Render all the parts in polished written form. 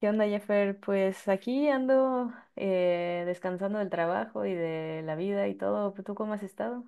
¿Qué onda, Jeffer? Pues aquí ando descansando del trabajo y de la vida y todo. ¿Tú cómo has estado?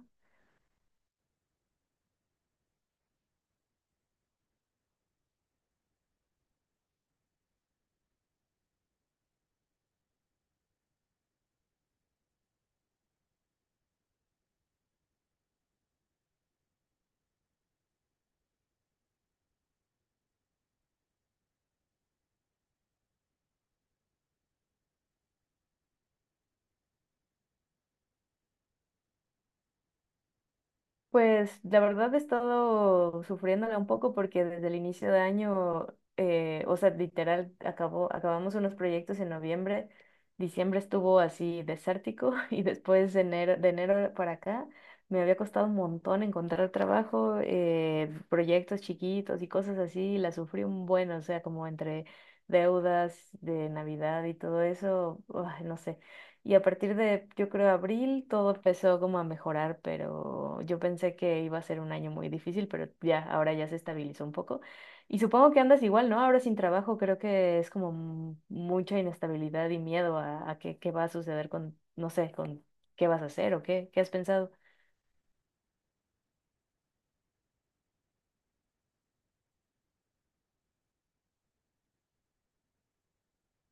Pues la verdad he estado sufriéndola un poco porque desde el inicio de año, o sea, literal, acabamos unos proyectos en noviembre, diciembre estuvo así desértico y después de enero para acá me había costado un montón encontrar trabajo, proyectos chiquitos y cosas así, la sufrí un buen, o sea, como entre deudas de Navidad y todo eso, uah, no sé. Y a partir de, yo creo, abril, todo empezó como a mejorar, pero yo pensé que iba a ser un año muy difícil, pero ya, ahora ya se estabilizó un poco. Y supongo que andas igual, ¿no? Ahora sin trabajo, creo que es como mucha inestabilidad y miedo a qué, qué va a suceder con, no sé, con qué vas a hacer o qué, qué has pensado.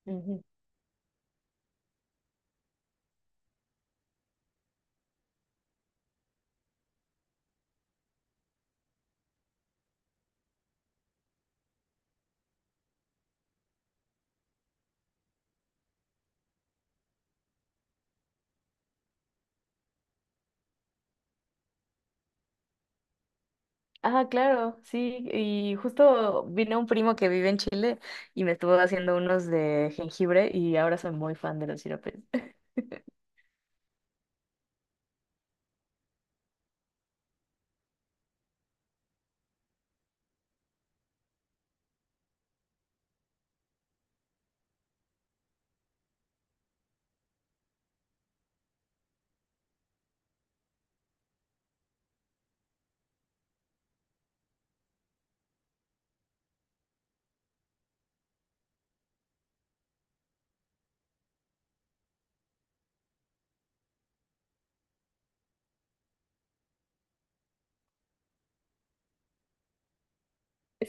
Ujú. Ah, claro, sí, y justo vino un primo que vive en Chile y me estuvo haciendo unos de jengibre y ahora soy muy fan de los siropes.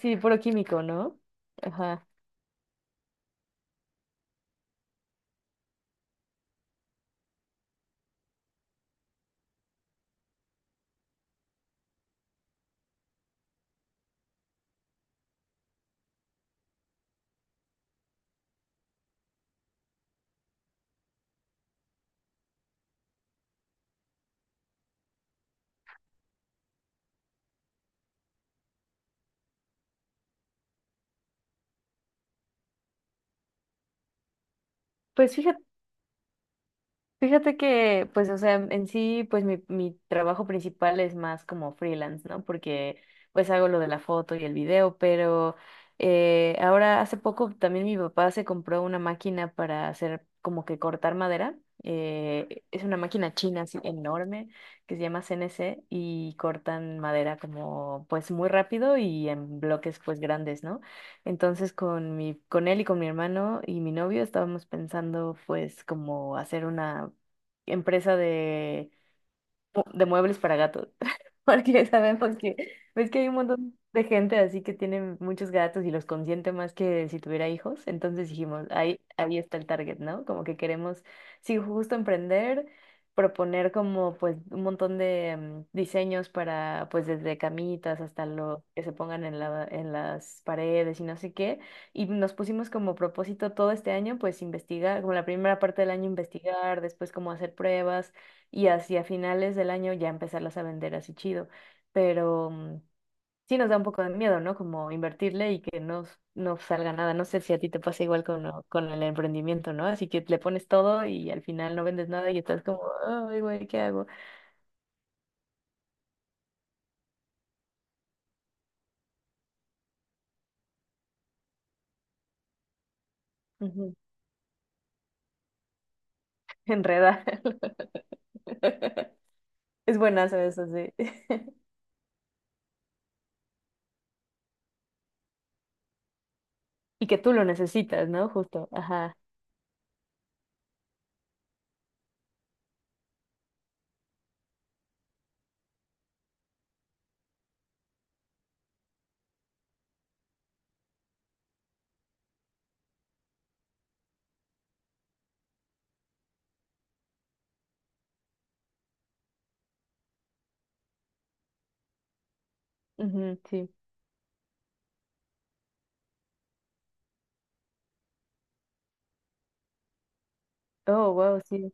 Sí, puro químico, ¿no? Ajá. Pues fíjate, fíjate que, pues, o sea, en sí, pues mi trabajo principal es más como freelance, ¿no? Porque pues hago lo de la foto y el video, pero ahora hace poco también mi papá se compró una máquina para hacer como que cortar madera. Es una máquina china así enorme que se llama CNC y cortan madera como pues muy rápido y en bloques pues grandes, ¿no? Entonces con mi, con él y con mi hermano y mi novio estábamos pensando pues como hacer una empresa de muebles para gatos, porque sabemos que ves que hay un montón de gente así que tiene muchos gatos y los consiente más que si tuviera hijos, entonces dijimos, ahí está el target, ¿no? Como que queremos, sí, justo emprender, proponer como pues un montón de diseños para pues desde camitas hasta lo que se pongan en en las paredes y no sé qué, y nos pusimos como propósito todo este año pues investigar, como la primera parte del año investigar, después como hacer pruebas y hacia finales del año ya empezarlas a vender así chido. Pero sí nos da un poco de miedo, ¿no? Como invertirle y que no, no salga nada. No sé si a ti te pasa igual con, con el emprendimiento, ¿no? Así que le pones todo y al final no vendes nada y estás como, ay, güey, ¿qué hago? Ujú. Enredar. Es buenazo eso, sí. Y que tú lo necesitas, ¿no? Justo. Ajá. Ujú, sí. Oh, wow, sí.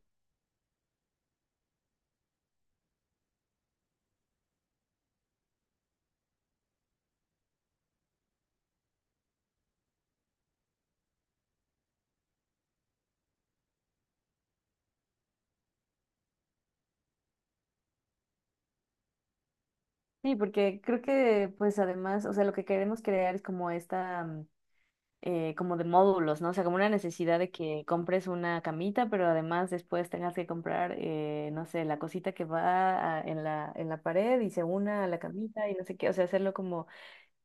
Sí, porque creo que pues además, o sea, lo que queremos crear es como esta como de módulos, ¿no? O sea, como una necesidad de que compres una camita, pero además después tengas que comprar, no sé, la cosita que en en la pared y se una a la camita y no sé qué, o sea, hacerlo como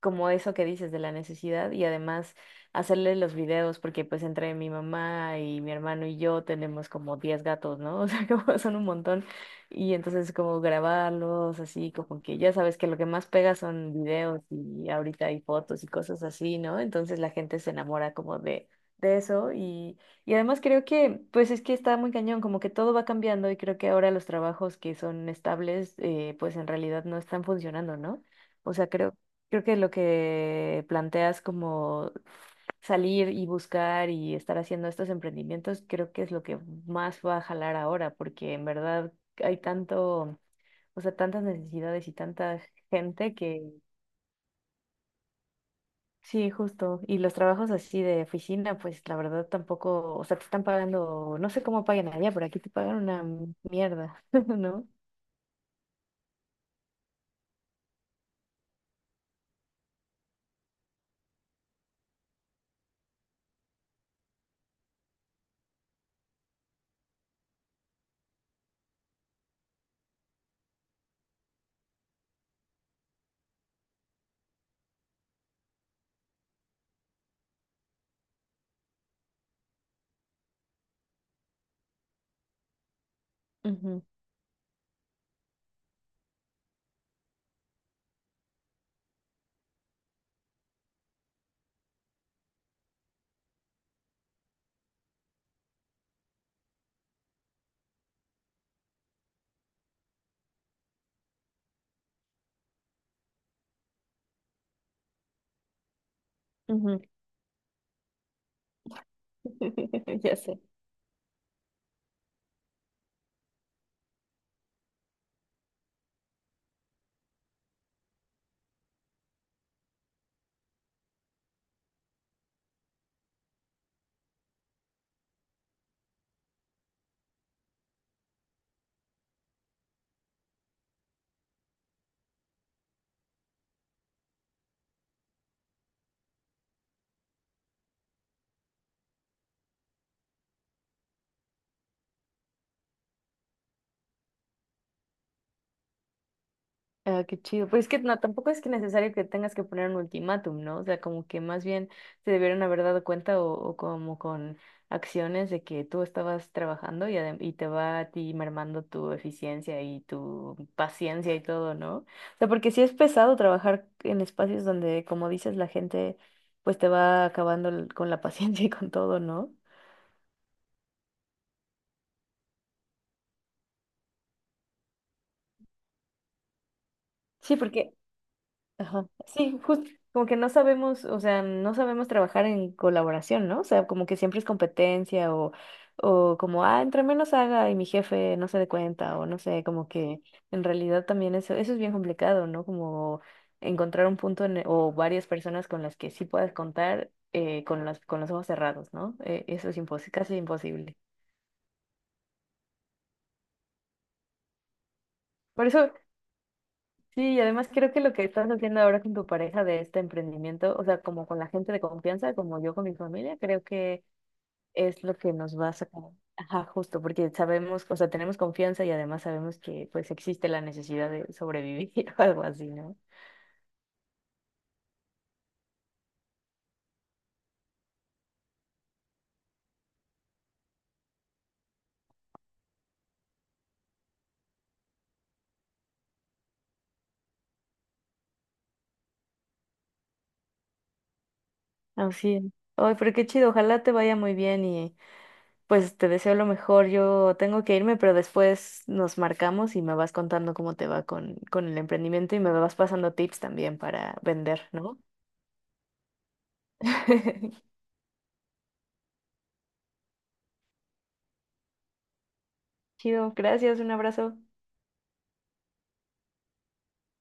como eso que dices de la necesidad y además hacerle los videos porque pues entre mi mamá y mi hermano y yo tenemos como 10 gatos, ¿no? O sea, como son un montón y entonces como grabarlos así, como que ya sabes que lo que más pega son videos y ahorita hay fotos y cosas así, ¿no? Entonces la gente se enamora como de eso y además creo que pues es que está muy cañón, como que todo va cambiando y creo que ahora los trabajos que son estables pues en realidad no están funcionando, ¿no? O sea, creo que lo que planteas como salir y buscar y estar haciendo estos emprendimientos, creo que es lo que más va a jalar ahora, porque en verdad hay tanto, o sea, tantas necesidades y tanta gente que sí, justo. Y los trabajos así de oficina, pues la verdad tampoco, o sea, te están pagando, no sé cómo pagan allá, pero aquí te pagan una mierda, ¿no? Ujú, ujú. Ya sé. Ah, qué chido. Pues es que no, tampoco es que necesario que tengas que poner un ultimátum, ¿no? O sea, como que más bien se debieron haber dado cuenta o como con acciones de que tú estabas trabajando y, y te va a ti mermando tu eficiencia y tu paciencia y todo, ¿no? O sea, porque sí es pesado trabajar en espacios donde, como dices, la gente pues te va acabando con la paciencia y con todo, ¿no? Sí, porque Ajá. Sí, justo como que no sabemos, o sea, no sabemos trabajar en colaboración, ¿no? O sea, como que siempre es competencia o como, ah, entre menos haga y mi jefe no se dé cuenta o no sé, como que en realidad también eso es bien complicado, ¿no? Como encontrar un punto o varias personas con las que sí puedas contar con las, con los ojos cerrados, ¿no? Eso es casi imposible. Por eso sí, y además creo que lo que estás haciendo ahora con tu pareja de este emprendimiento, o sea, como con la gente de confianza, como yo con mi familia, creo que es lo que nos va a sacar. Ajá, justo, porque sabemos, o sea, tenemos confianza y además sabemos que pues existe la necesidad de sobrevivir o algo así, ¿no? Así es. Ay, pero qué chido, ojalá te vaya muy bien y pues te deseo lo mejor. Yo tengo que irme, pero después nos marcamos y me vas contando cómo te va con el emprendimiento y me vas pasando tips también para vender, ¿no? Chido, gracias, un abrazo.